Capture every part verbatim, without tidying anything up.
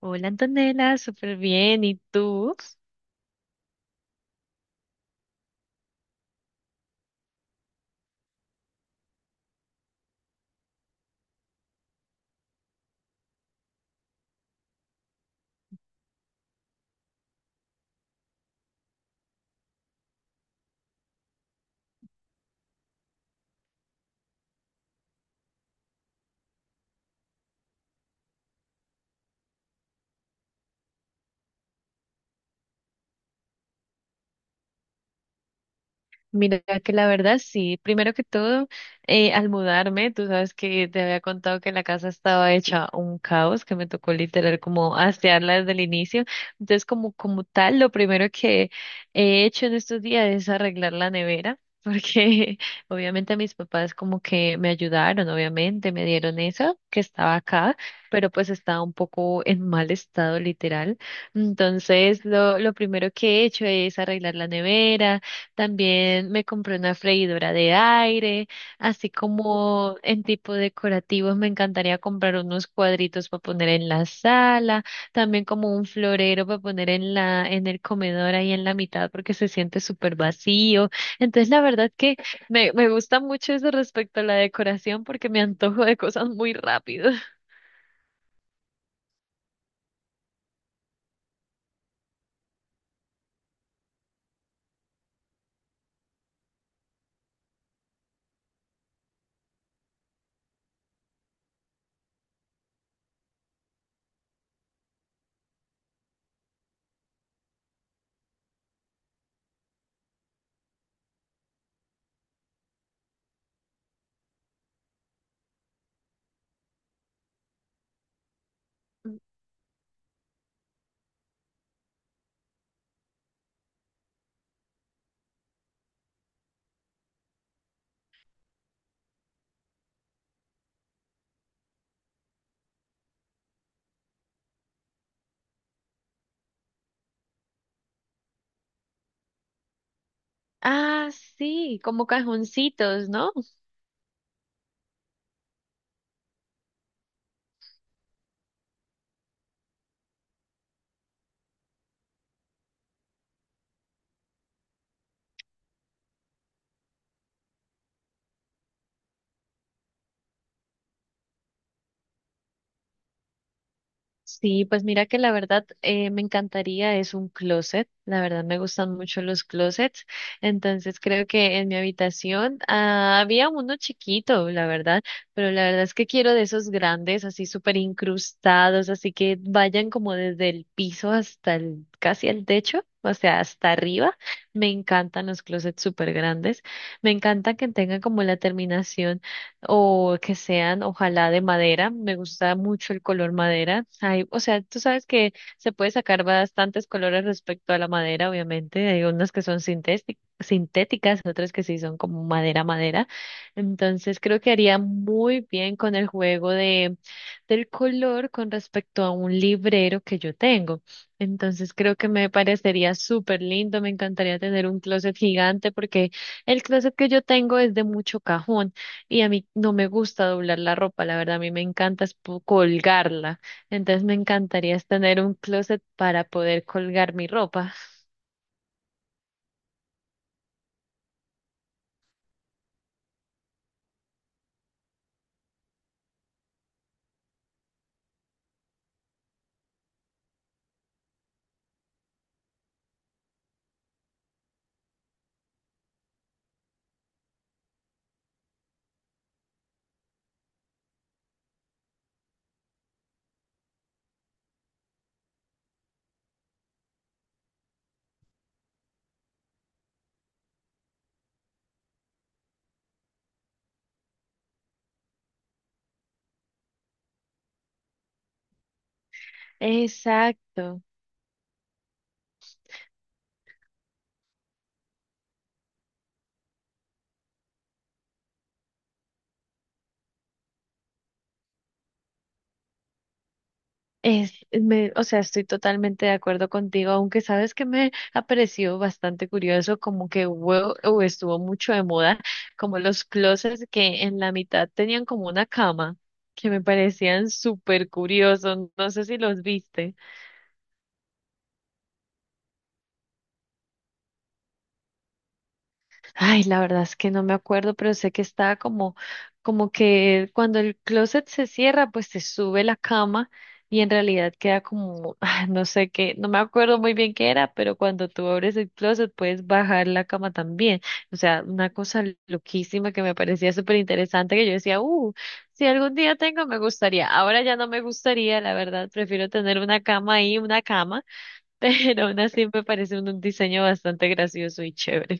Hola Antonella, súper bien. ¿Y tú? Mira que la verdad sí, primero que todo, eh, al mudarme, tú sabes que te había contado que la casa estaba hecha un caos, que me tocó literal como asearla desde el inicio. Entonces, como, como tal, lo primero que he hecho en estos días es arreglar la nevera, porque obviamente mis papás como que me ayudaron, obviamente me dieron eso que estaba acá, pero pues estaba un poco en mal estado literal. Entonces, lo, lo primero que he hecho es arreglar la nevera. También me compré una freidora de aire, así como en tipo decorativos. Me encantaría comprar unos cuadritos para poner en la sala, también como un florero para poner en la, en el comedor ahí en la mitad porque se siente súper vacío. Entonces la verdad que me, me gusta mucho eso respecto a la decoración porque me antojo de cosas muy rápido. Ah, sí, como cajoncitos, ¿no? Sí, pues mira que la verdad eh, me encantaría, es un closet, la verdad me gustan mucho los closets. Entonces creo que en mi habitación ah, había uno chiquito, la verdad, pero la verdad es que quiero de esos grandes, así súper incrustados, así que vayan como desde el piso hasta el, casi el techo, o sea, hasta arriba. Me encantan los closets súper grandes, me encanta que tengan como la terminación o que sean, ojalá de madera. Me gusta mucho el color madera. Hay, o sea, tú sabes que se puede sacar bastantes colores respecto a la madera, obviamente. Hay unas que son sintéti- sintéticas, otras que sí son como madera, madera. Entonces creo que haría muy bien con el juego de, del color con respecto a un librero que yo tengo. Entonces creo que me parecería súper lindo. Me encantaría tener un closet gigante porque el closet que yo tengo es de mucho cajón. Y a mí no me gusta doblar la ropa, la verdad, a mí me encanta es po- colgarla. Entonces me encantaría es tener un closet para poder colgar mi ropa. Exacto. Es, me, o sea, estoy totalmente de acuerdo contigo, aunque sabes que me ha parecido bastante curioso, como que hubo, o estuvo mucho de moda, como los closets que en la mitad tenían como una cama, que me parecían súper curiosos. No sé si los viste. Ay, la verdad es que no me acuerdo, pero sé que estaba como, como que cuando el closet se cierra, pues se sube la cama y en realidad queda como, ah, no sé qué, no me acuerdo muy bien qué era, pero cuando tú abres el closet puedes bajar la cama también. O sea, una cosa loquísima que me parecía súper interesante que yo decía, uh, si algún día tengo, me gustaría. Ahora ya no me gustaría, la verdad, prefiero tener una cama ahí, una cama, pero aún así me parece un un diseño bastante gracioso y chévere.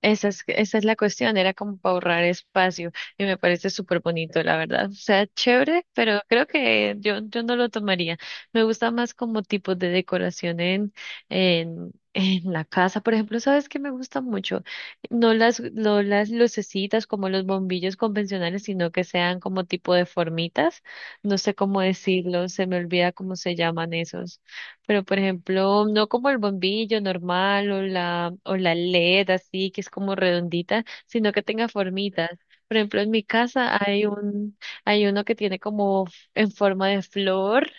Esa es, esa es la cuestión, era como para ahorrar espacio y me parece súper bonito, la verdad. O sea, chévere, pero creo que yo, yo no lo tomaría. Me gusta más como tipo de decoración en, en, en la casa. Por ejemplo, ¿sabes qué me gusta mucho? No las, no las lucecitas como los bombillos convencionales, sino que sean como tipo de formitas. No sé cómo decirlo, se me olvida cómo se llaman esos. Pero, por ejemplo, no como el bombillo normal o la, o la L E D así, que es como redondita, sino que tenga formitas. Por ejemplo, en mi casa hay un, hay uno que tiene como en forma de flor,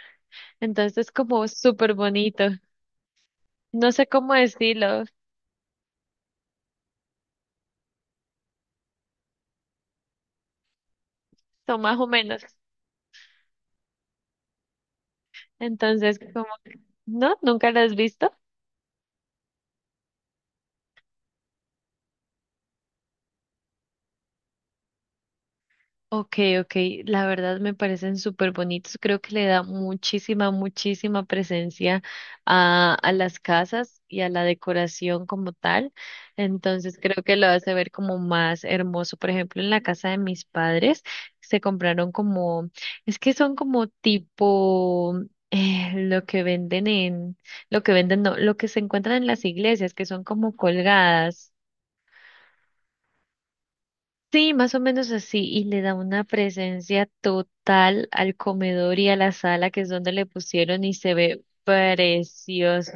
entonces es como súper bonito. No sé cómo decirlo, son más o menos. Entonces, como, ¿no? ¿Nunca lo has visto? Ok, ok, la verdad me parecen súper bonitos. Creo que le da muchísima, muchísima presencia a, a las casas y a la decoración como tal. Entonces creo que lo hace ver como más hermoso. Por ejemplo, en la casa de mis padres se compraron como, es que son como tipo eh, lo que venden en, lo que venden, no, lo que se encuentran en las iglesias, que son como colgadas. Sí, más o menos así, y le da una presencia total al comedor y a la sala, que es donde le pusieron, y se ve precioso.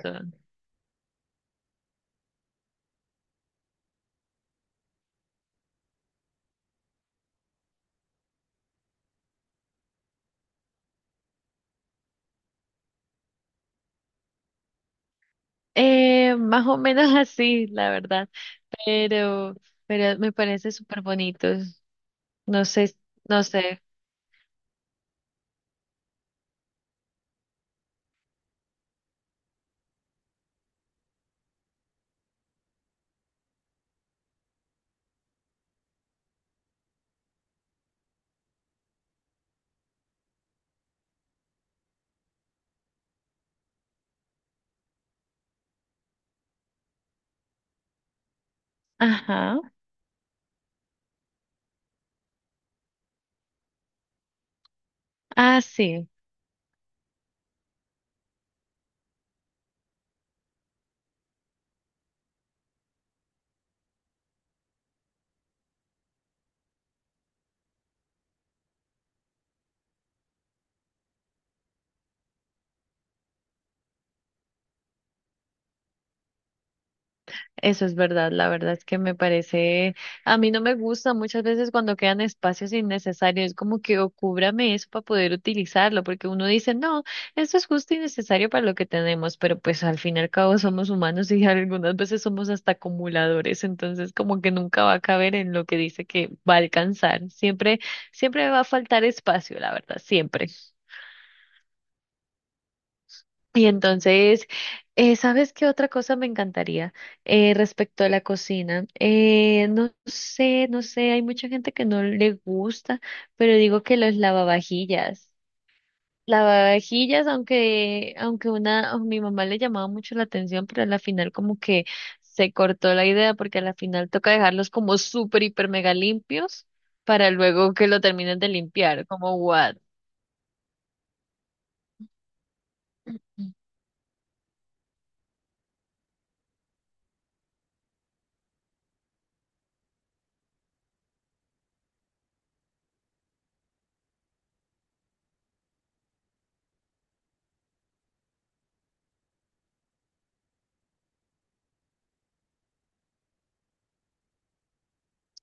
Eh, más o menos así, la verdad, pero, pero me parece súper bonito. No sé, no sé. Ajá. Ah, sí. Eso es verdad, la verdad es que me parece, a mí no me gusta muchas veces cuando quedan espacios innecesarios, es como que o cúbrame eso para poder utilizarlo, porque uno dice, no, esto es justo y necesario para lo que tenemos, pero pues al fin y al cabo somos humanos y algunas veces somos hasta acumuladores, entonces como que nunca va a caber en lo que dice que va a alcanzar, siempre, siempre va a faltar espacio, la verdad, siempre. Y entonces, eh, ¿sabes qué otra cosa me encantaría eh, respecto a la cocina? Eh, no sé, no sé, hay mucha gente que no le gusta, pero digo que los lavavajillas. Lavavajillas, aunque, aunque una, a mi mamá le llamaba mucho la atención, pero a la final como que se cortó la idea porque a la final toca dejarlos como súper, hiper, mega limpios para luego que lo terminen de limpiar, como what.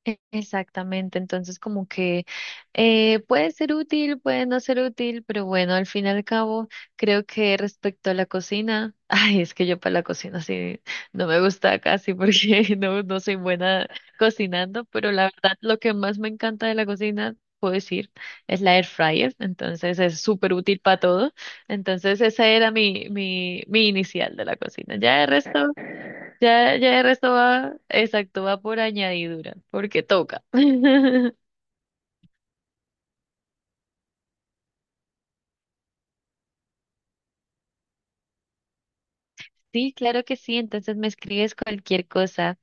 E- Exactamente, entonces como que eh, puede ser útil, puede no ser útil, pero bueno, al fin y al cabo, creo que respecto a la cocina, ay, es que yo para la cocina sí no me gusta casi porque no, no soy buena cocinando, pero la verdad lo que más me encanta de la cocina, puedo decir, es la air fryer, entonces es súper útil para todo, entonces esa era mi, mi, mi inicial de la cocina, ya el resto ya, ya el resto va, exacto, va por añadidura, porque toca. Sí, claro que sí, entonces me escribes cualquier cosa.